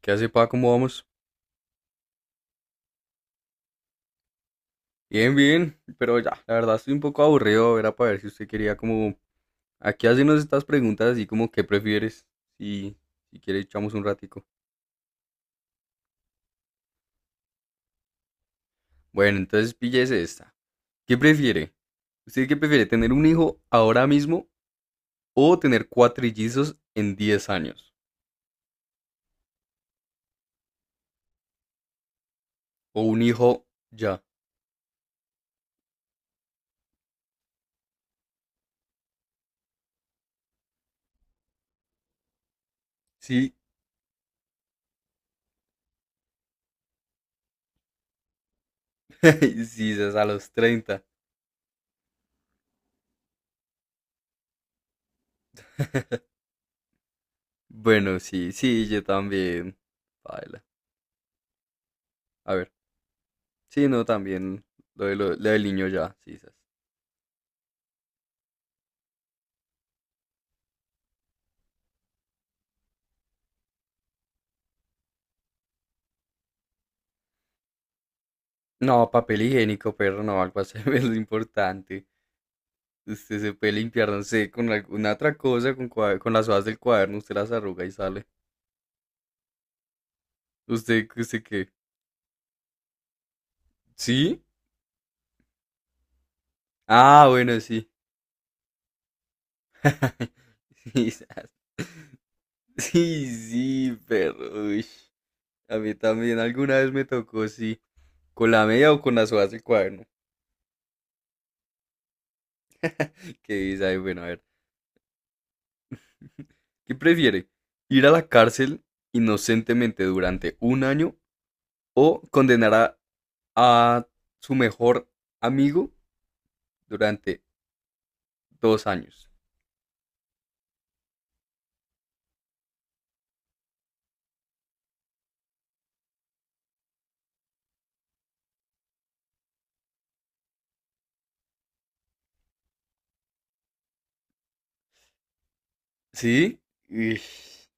¿Qué hace, pa? ¿Cómo vamos? Bien, bien, pero ya, la verdad estoy un poco aburrido, era para ver si usted quería como aquí hacernos estas preguntas así como ¿qué prefieres? Y si quiere echamos un ratico. Bueno, entonces píllese esta. ¿Qué prefiere? ¿Usted qué prefiere? ¿Tener un hijo ahora mismo o tener cuatrillizos en 10 años? O un hijo ya. Sí, sí, es a los 30. Bueno, sí, sí, yo también. Baila. A ver, sí, no, también lo del niño ya, sí, sas. No, papel higiénico, perro, no, algo así. Es lo importante. Usted se puede limpiar, no sé, con alguna otra cosa, con las hojas del cuaderno, usted las arruga y sale. ¿Usted qué? ¿Sí? Ah, bueno, sí. Sí, sas. Sí, sí, perro. Uy. A mí también alguna vez me tocó, sí. ¿Con la media o con las hojas del cuaderno? ¿Qué dice ahí? Bueno, a ver. ¿Qué prefiere? ¿Ir a la cárcel inocentemente durante un año o condenar a su mejor amigo durante 2 años? ¿Sí? Uy,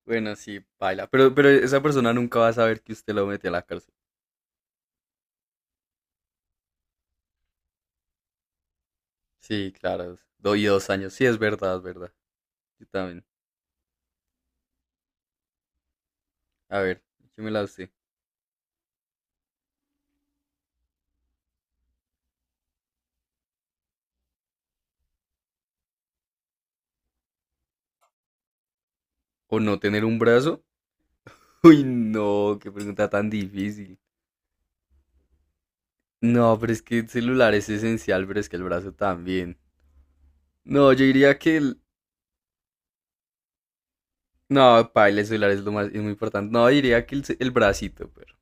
bueno, sí, baila. Pero esa persona nunca va a saber que usted lo metió a la cárcel. Sí, claro. Y 2 años. Sí, es verdad, es verdad. Yo también. A ver, ¿qué me la usted? ¿O no tener un brazo? Uy, no, qué pregunta tan difícil. No, pero es que el celular es esencial, pero es que el brazo también. No, yo diría que el. No, paila, el celular es lo más, es muy importante. No, diría que el bracito, pero.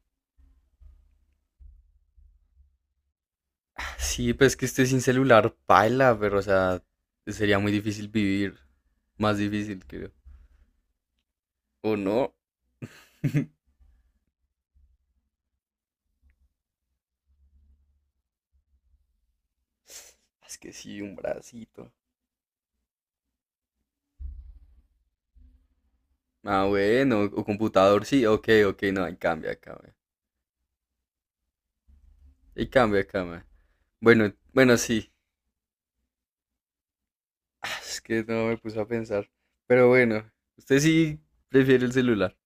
Sí, pues que estoy sin celular, paila, pero o sea, sería muy difícil vivir. Más difícil, creo. ¿O no? Es que sí, un bracito. Ah, bueno, o computador, sí, ok, ok, no, ahí cambia, cambia. Ahí cambia, cambia. Bueno, bueno, sí. Ah, es que no me puse a pensar. Pero bueno, usted sí prefiere el celular.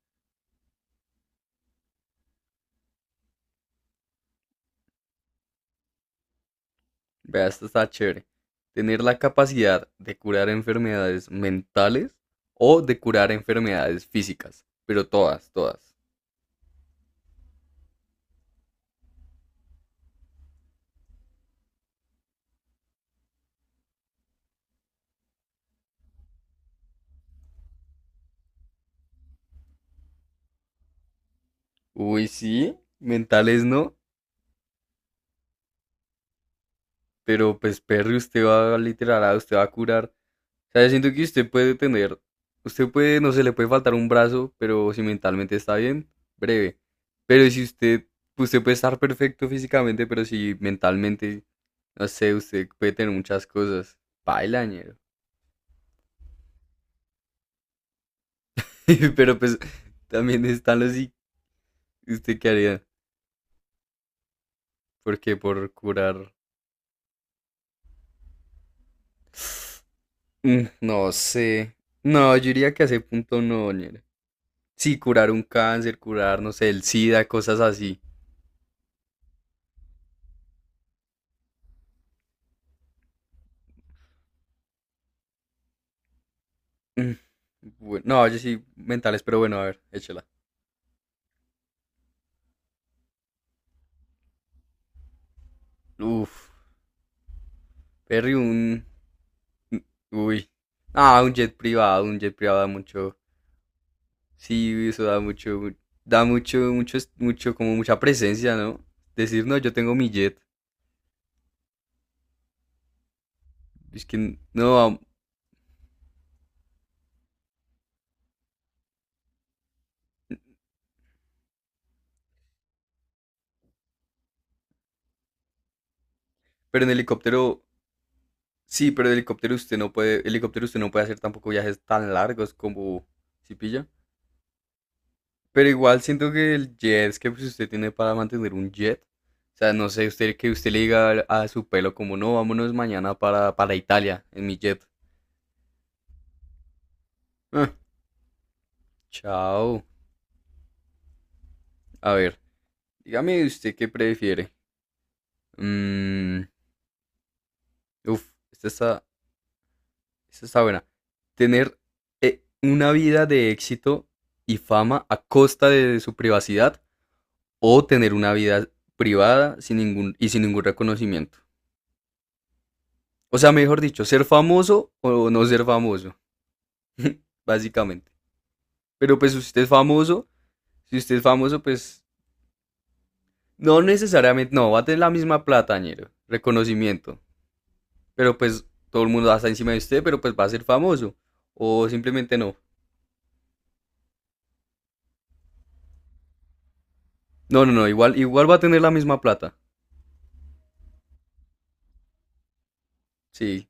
Vea, esto está chévere. Tener la capacidad de curar enfermedades mentales o de curar enfermedades físicas. Pero todas, todas. Uy, sí, mentales no. Pero pues, perro, usted va a literal, ah, usted va a curar. O sea, yo siento que usted puede tener. Usted puede, no se le puede faltar un brazo, pero si mentalmente está bien, breve. Pero si usted puede estar perfecto físicamente, pero si mentalmente, no sé, usted puede tener muchas cosas. Paila, ñero. Pero pues también están los y usted qué haría. Porque por curar. No sé. No, yo diría que a ese punto no, ñera. Sí, curar un cáncer, curar, no sé, el SIDA, cosas así. Bueno, no, yo sí, mentales, pero bueno, a ver, échela. Uf, Perry, un. Uy. Ah, un jet privado da mucho. Sí, eso da mucho. Da mucho, mucho, mucho, como mucha presencia, ¿no? Decir, no, yo tengo mi jet. Es que, no, pero en helicóptero. Sí, pero el helicóptero usted no puede, helicóptero usted no puede hacer tampoco viajes tan largos como si pilla. Pero igual siento que el jet es que pues, usted tiene para mantener un jet. O sea, no sé, usted que usted le diga a su pelo como no, vámonos mañana para Italia en mi jet. Ah, chao. A ver, dígame usted qué prefiere. Mm, uf, esta está buena. Tener una vida de éxito y fama a costa de su privacidad o tener una vida privada sin ningún, y sin ningún reconocimiento. O sea, mejor dicho, ser famoso o no ser famoso, básicamente. Pero pues si usted es famoso, si usted es famoso, pues no necesariamente, no, va a tener la misma plata, ñero, reconocimiento. Pero pues todo el mundo va a estar encima de usted, pero pues va a ser famoso. O simplemente no. No, no, no, igual va a tener la misma plata. Sí,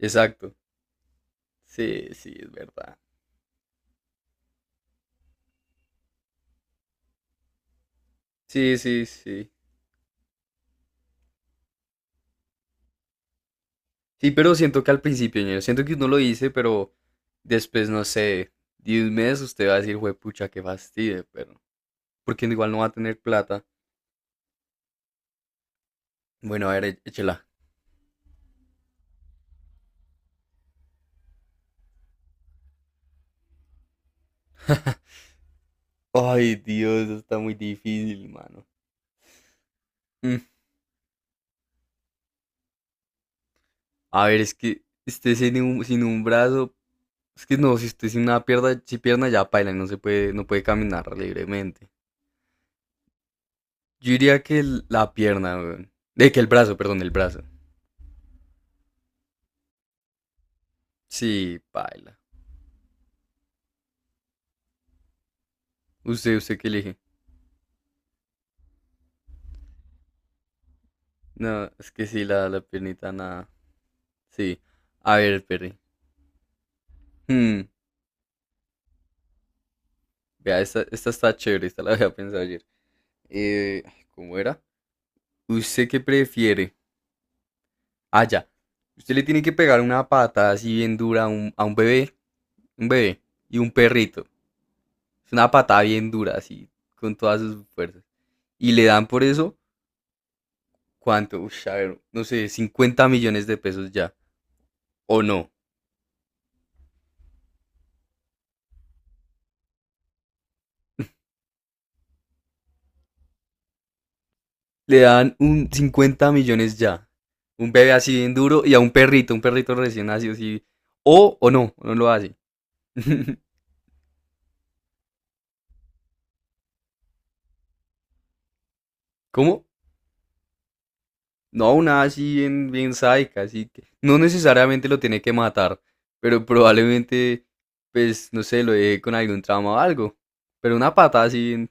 exacto. Sí, sí, es verdad. Sí, sí, sí. Sí, pero siento que al principio, ñero, siento que uno lo dice, pero después, no sé, 10 meses usted va a decir, juepucha qué fastidio, pero. Porque igual no va a tener plata. Bueno, a ver, échela. Ay, Dios, eso está muy difícil, mano. Mm, A ver, es que usted sin sin un brazo. Es que no, si usted sin una pierna, si pierna ya paila, no se puede, no puede caminar libremente. Yo diría que la pierna, weón. De que el brazo, perdón, el brazo. Sí, paila. Usted qué elige. No, es que sí, la piernita, nada. Sí. A ver, Perry. Hmm. Vea, esta está chévere, esta la había pensado ayer. Ay, ¿cómo era? ¿Usted qué prefiere? Ah, ya. Usted le tiene que pegar una patada así bien dura a un bebé, un bebé y un perrito. Es una patada bien dura, así, con todas sus fuerzas. Y le dan por eso, ¿cuánto? Ush, a ver, no sé, 50 millones de pesos ya. ¿O no? Le dan un 50 millones ya. Un bebé así bien duro y a un perrito recién nacido así. O no, o no lo hace. ¿Cómo? No, una así bien, bien sádica, así que no necesariamente lo tiene que matar, pero probablemente, pues, no sé, lo deje con algún trauma o algo. Pero una patada así bien.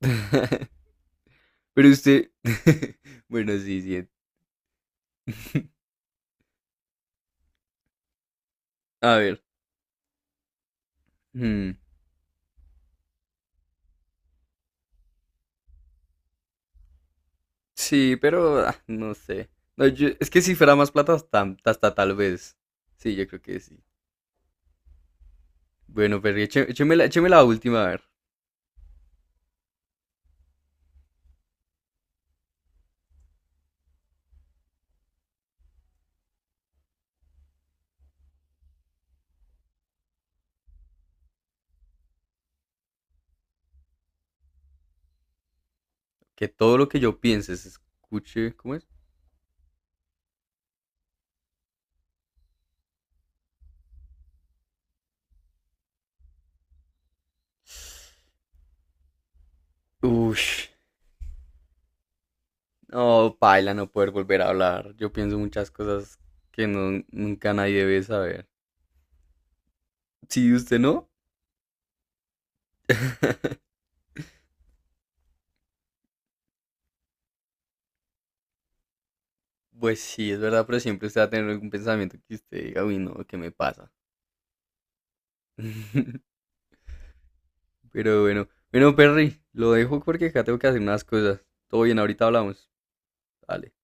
Pero usted. Bueno, sí, sí. A ver. Mm, sí, pero ah, no sé. No, es que si fuera más plata, hasta, tal vez. Sí, yo creo que sí. Bueno, pero écheme la última, a ver. Que todo lo que yo piense se escuche. ¿Cómo es? Ush. No, paila, no poder volver a hablar. Yo pienso muchas cosas que no, nunca nadie debe saber. Sí, usted no. Pues sí, es verdad, pero siempre usted va a tener algún pensamiento que usted diga, uy, no, ¿qué me pasa? Pero bueno, bueno, Perry, lo dejo porque acá tengo que hacer unas cosas. Todo bien, ahorita hablamos. Dale.